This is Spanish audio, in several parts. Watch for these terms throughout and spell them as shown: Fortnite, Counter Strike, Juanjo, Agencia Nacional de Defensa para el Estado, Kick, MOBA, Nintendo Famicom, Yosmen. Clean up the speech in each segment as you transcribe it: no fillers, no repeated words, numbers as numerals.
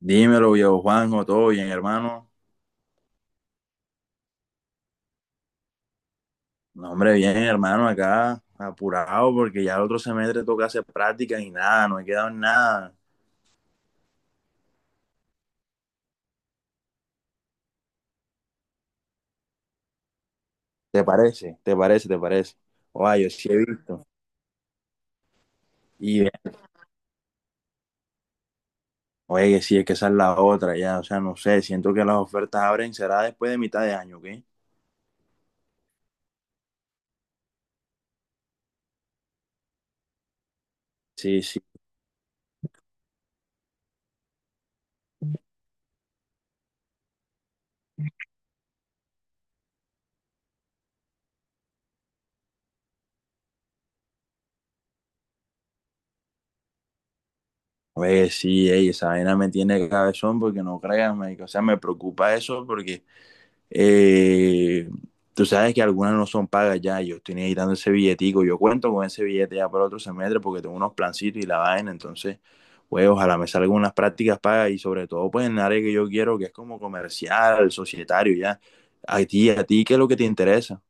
Dímelo, viejo Juanjo, todo bien, hermano. No, hombre, bien, hermano, acá apurado porque ya el otro semestre toca hacer prácticas y nada, no he quedado en nada. ¿Te parece? ¿Te parece? ¿Te parece? Oye, yo sí he visto. Y, eh, Oye, sí, es que esa es la otra, ya, o sea, no sé, siento que las ofertas abren, será después de mitad de año, ¿qué? Sí, sí. Oye, sí, ey, esa vaina me tiene cabezón porque no créanme, o sea, me preocupa eso porque Eh, Tú sabes que algunas no son pagas ya, yo estoy necesitando ese billetico, yo cuento con ese billete ya para otro semestre porque tengo unos plancitos y la vaina, entonces, pues ojalá me salgan unas prácticas pagas y sobre todo pues en el área que yo quiero, que es como comercial, societario ya. A ti, ¿qué es lo que te interesa?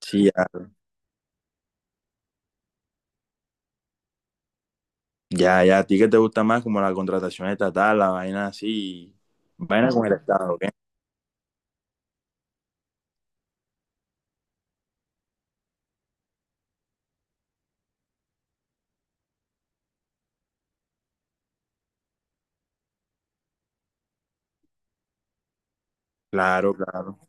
Sí, ya, ya, ya, a ti que te gusta más como la contratación estatal, la vaina así, vaina con el Estado, ¿ok? Claro, claro.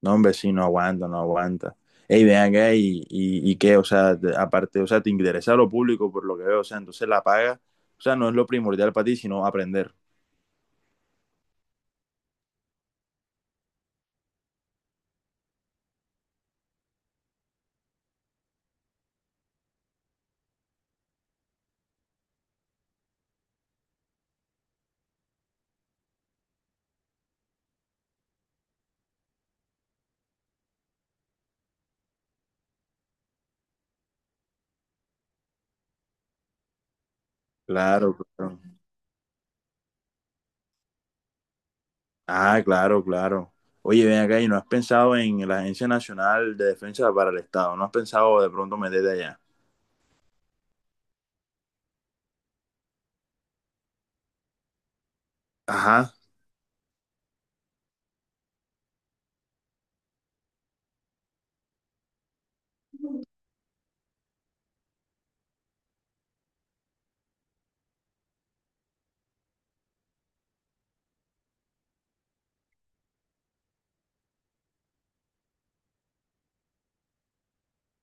No, hombre, sí, no aguanta, no aguanta. Ey, ven acá y qué, o sea, te- aparte, o sea, te interesa lo público por lo que veo, o sea, entonces la paga, o sea, no es lo primordial para ti, sino aprender. Claro, claro. Ah, claro, claro. Oye, ven acá y no has pensado en la Agencia Nacional de Defensa para el Estado, no has pensado de pronto meterte allá. Ajá,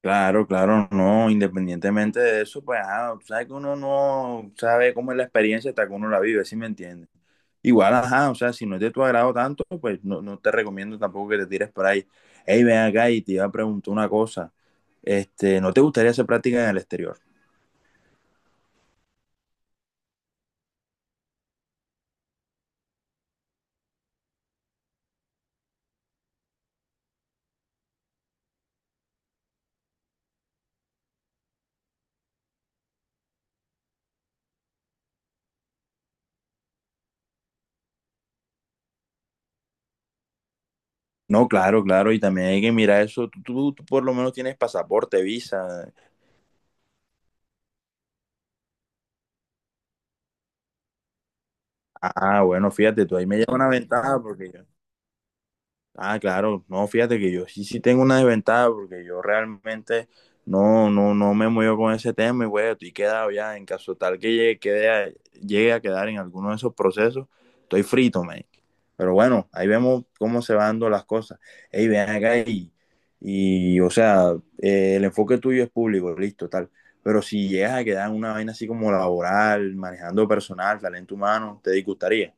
claro, claro, no, independientemente de eso, pues, ajá, tú sabes que uno no sabe cómo es la experiencia hasta que uno la vive, ¿sí me entiendes? Igual, ajá, o sea, si no es de tu agrado tanto, pues no, no te recomiendo tampoco que te tires por ahí. Hey, ven acá y te iba a preguntar una cosa. Este, ¿no te gustaría hacer práctica en el exterior? No, claro, claro, y también hay que mirar eso. Tú por lo menos tienes pasaporte, visa. Ah, bueno, fíjate, tú ahí me lleva una ventaja porque ah, claro, no, fíjate que yo sí, sí tengo una desventaja porque yo realmente no me muevo con ese tema y bueno, estoy quedado ya en caso tal que llegue, quede a- llegue a quedar en alguno de esos procesos, estoy frito, man. Pero bueno, ahí vemos cómo se van dando las cosas. Ey, ven acá y o sea, el enfoque tuyo es público, listo, tal. Pero si llegas a quedar en una vaina así como laboral, manejando personal, talento humano, ¿te disgustaría?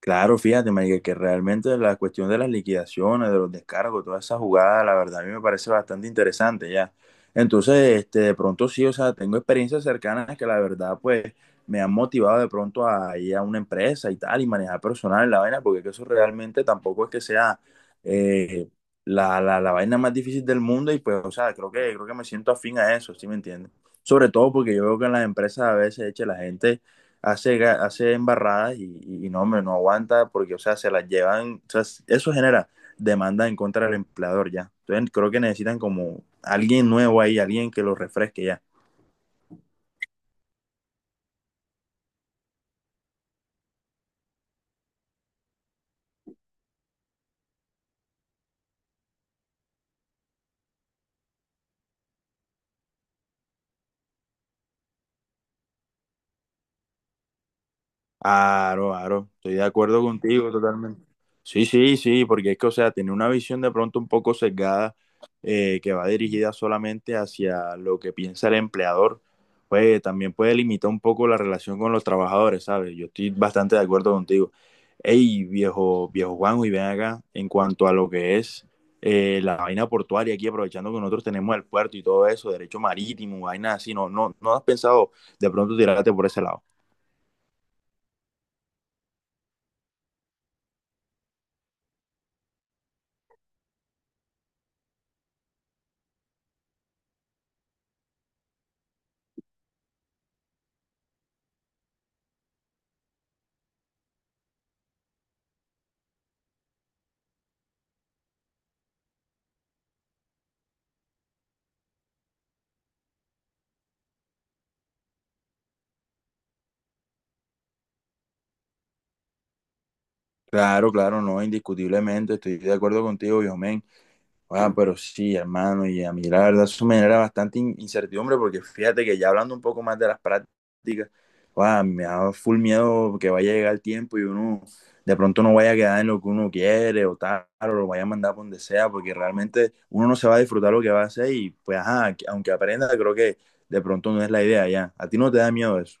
Claro, fíjate, Marica, que realmente la cuestión de las liquidaciones, de los descargos, toda esa jugada, la verdad, a mí me parece bastante interesante ya. Entonces, este, de pronto sí, o sea, tengo experiencias cercanas que la verdad, pues, me han motivado de pronto a ir a una empresa y tal, y manejar personal la vaina, porque que eso realmente tampoco es que sea eh, la vaina más difícil del mundo, y pues, o sea, creo que me siento afín a eso, ¿sí me entiendes? Sobre todo porque yo veo que en las empresas a veces, eche, la gente hace, hace embarradas y no, hombre, no aguanta porque, o sea, se las llevan, o sea, eso genera demanda en contra del empleador ya. Entonces creo que necesitan como alguien nuevo ahí, alguien que lo refresque ya. Aro, aro, estoy de acuerdo contigo totalmente. Sí, sí, sí, porque es que, o sea, tiene una visión de pronto un poco sesgada que va dirigida solamente hacia lo que piensa el empleador, pues también puede limitar un poco la relación con los trabajadores, ¿sabes? Yo estoy bastante de acuerdo contigo. Ey, viejo Juanjo, y ven acá, en cuanto a lo que es la vaina portuaria aquí, aprovechando que nosotros tenemos el puerto y todo eso, derecho marítimo, vainas así, no has pensado de pronto tirarte por ese lado. Claro, claro, no, indiscutiblemente, estoy de acuerdo contigo, Yosmen. Ah, pero sí, hermano, y a mí la verdad eso me genera bastante in- incertidumbre porque fíjate que ya hablando un poco más de las prácticas, ah, me da full miedo que vaya a llegar el tiempo y uno de pronto no vaya a quedar en lo que uno quiere o tal, o lo vaya a mandar por donde sea, porque realmente uno no se va a disfrutar lo que va a hacer y pues, ajá, aunque aprenda, creo que de pronto no es la idea ya. ¿A ti no te da miedo eso?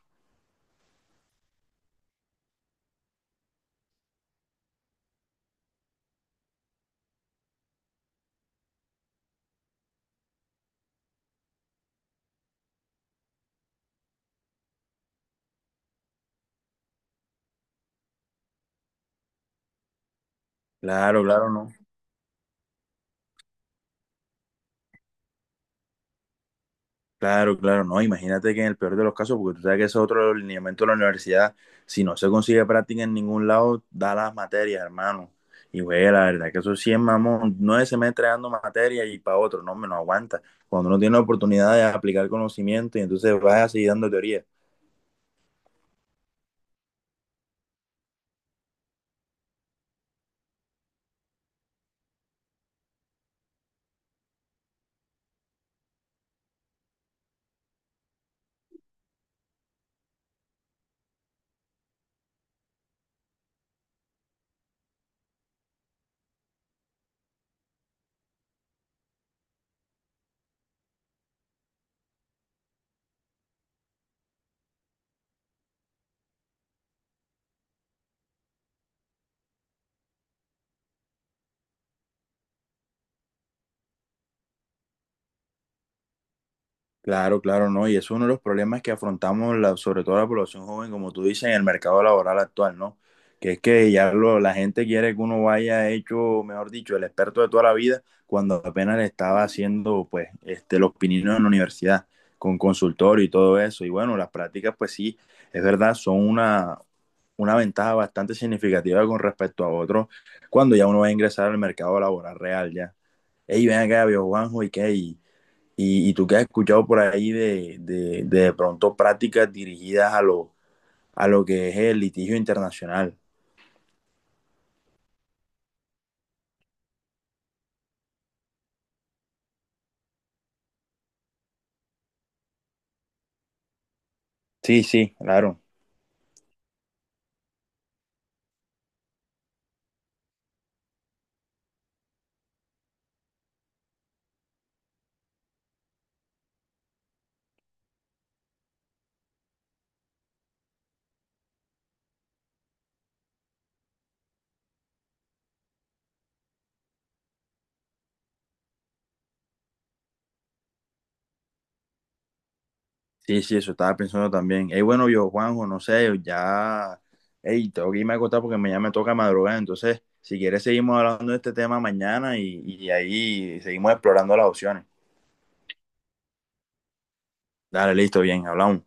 Claro, claro, no. Claro, claro, no, imagínate que en el peor de los casos, porque tú sabes que ese es otro lineamiento de la universidad, si no se consigue práctica en ningún lado, da las materias, hermano. Y güey, la verdad que eso sí es mamón, nueve semestres dando materia y para otro, no, me no aguanta. Cuando uno tiene la oportunidad de aplicar conocimiento y entonces vas a seguir dando teoría. Claro, claro, no. Y es uno de los problemas que afrontamos, la, sobre todo la población joven, como tú dices, en el mercado laboral actual, ¿no? Que es que ya lo, la gente quiere que uno vaya hecho, mejor dicho, el experto de toda la vida, cuando apenas le estaba haciendo, pues, este, los pininos en la universidad, con consultorio y todo eso. Y bueno, las prácticas, pues sí, es verdad, son una ventaja bastante significativa con respecto a otros, cuando ya uno va a ingresar al mercado laboral real, ya. Ey, ven acá, viejo Juanjo, ¿y qué? Y tú qué has escuchado por ahí de pronto prácticas dirigidas a lo que es el litigio internacional. Sí, sí, claro. Sí, sí, eso estaba pensando también. Ey, bueno, yo, Juanjo, no sé, ya, ey, tengo que irme a acostar porque mañana me toca madrugar. Entonces, si quieres, seguimos hablando de este tema mañana y ahí seguimos explorando las opciones. Dale, listo, bien, hablamos.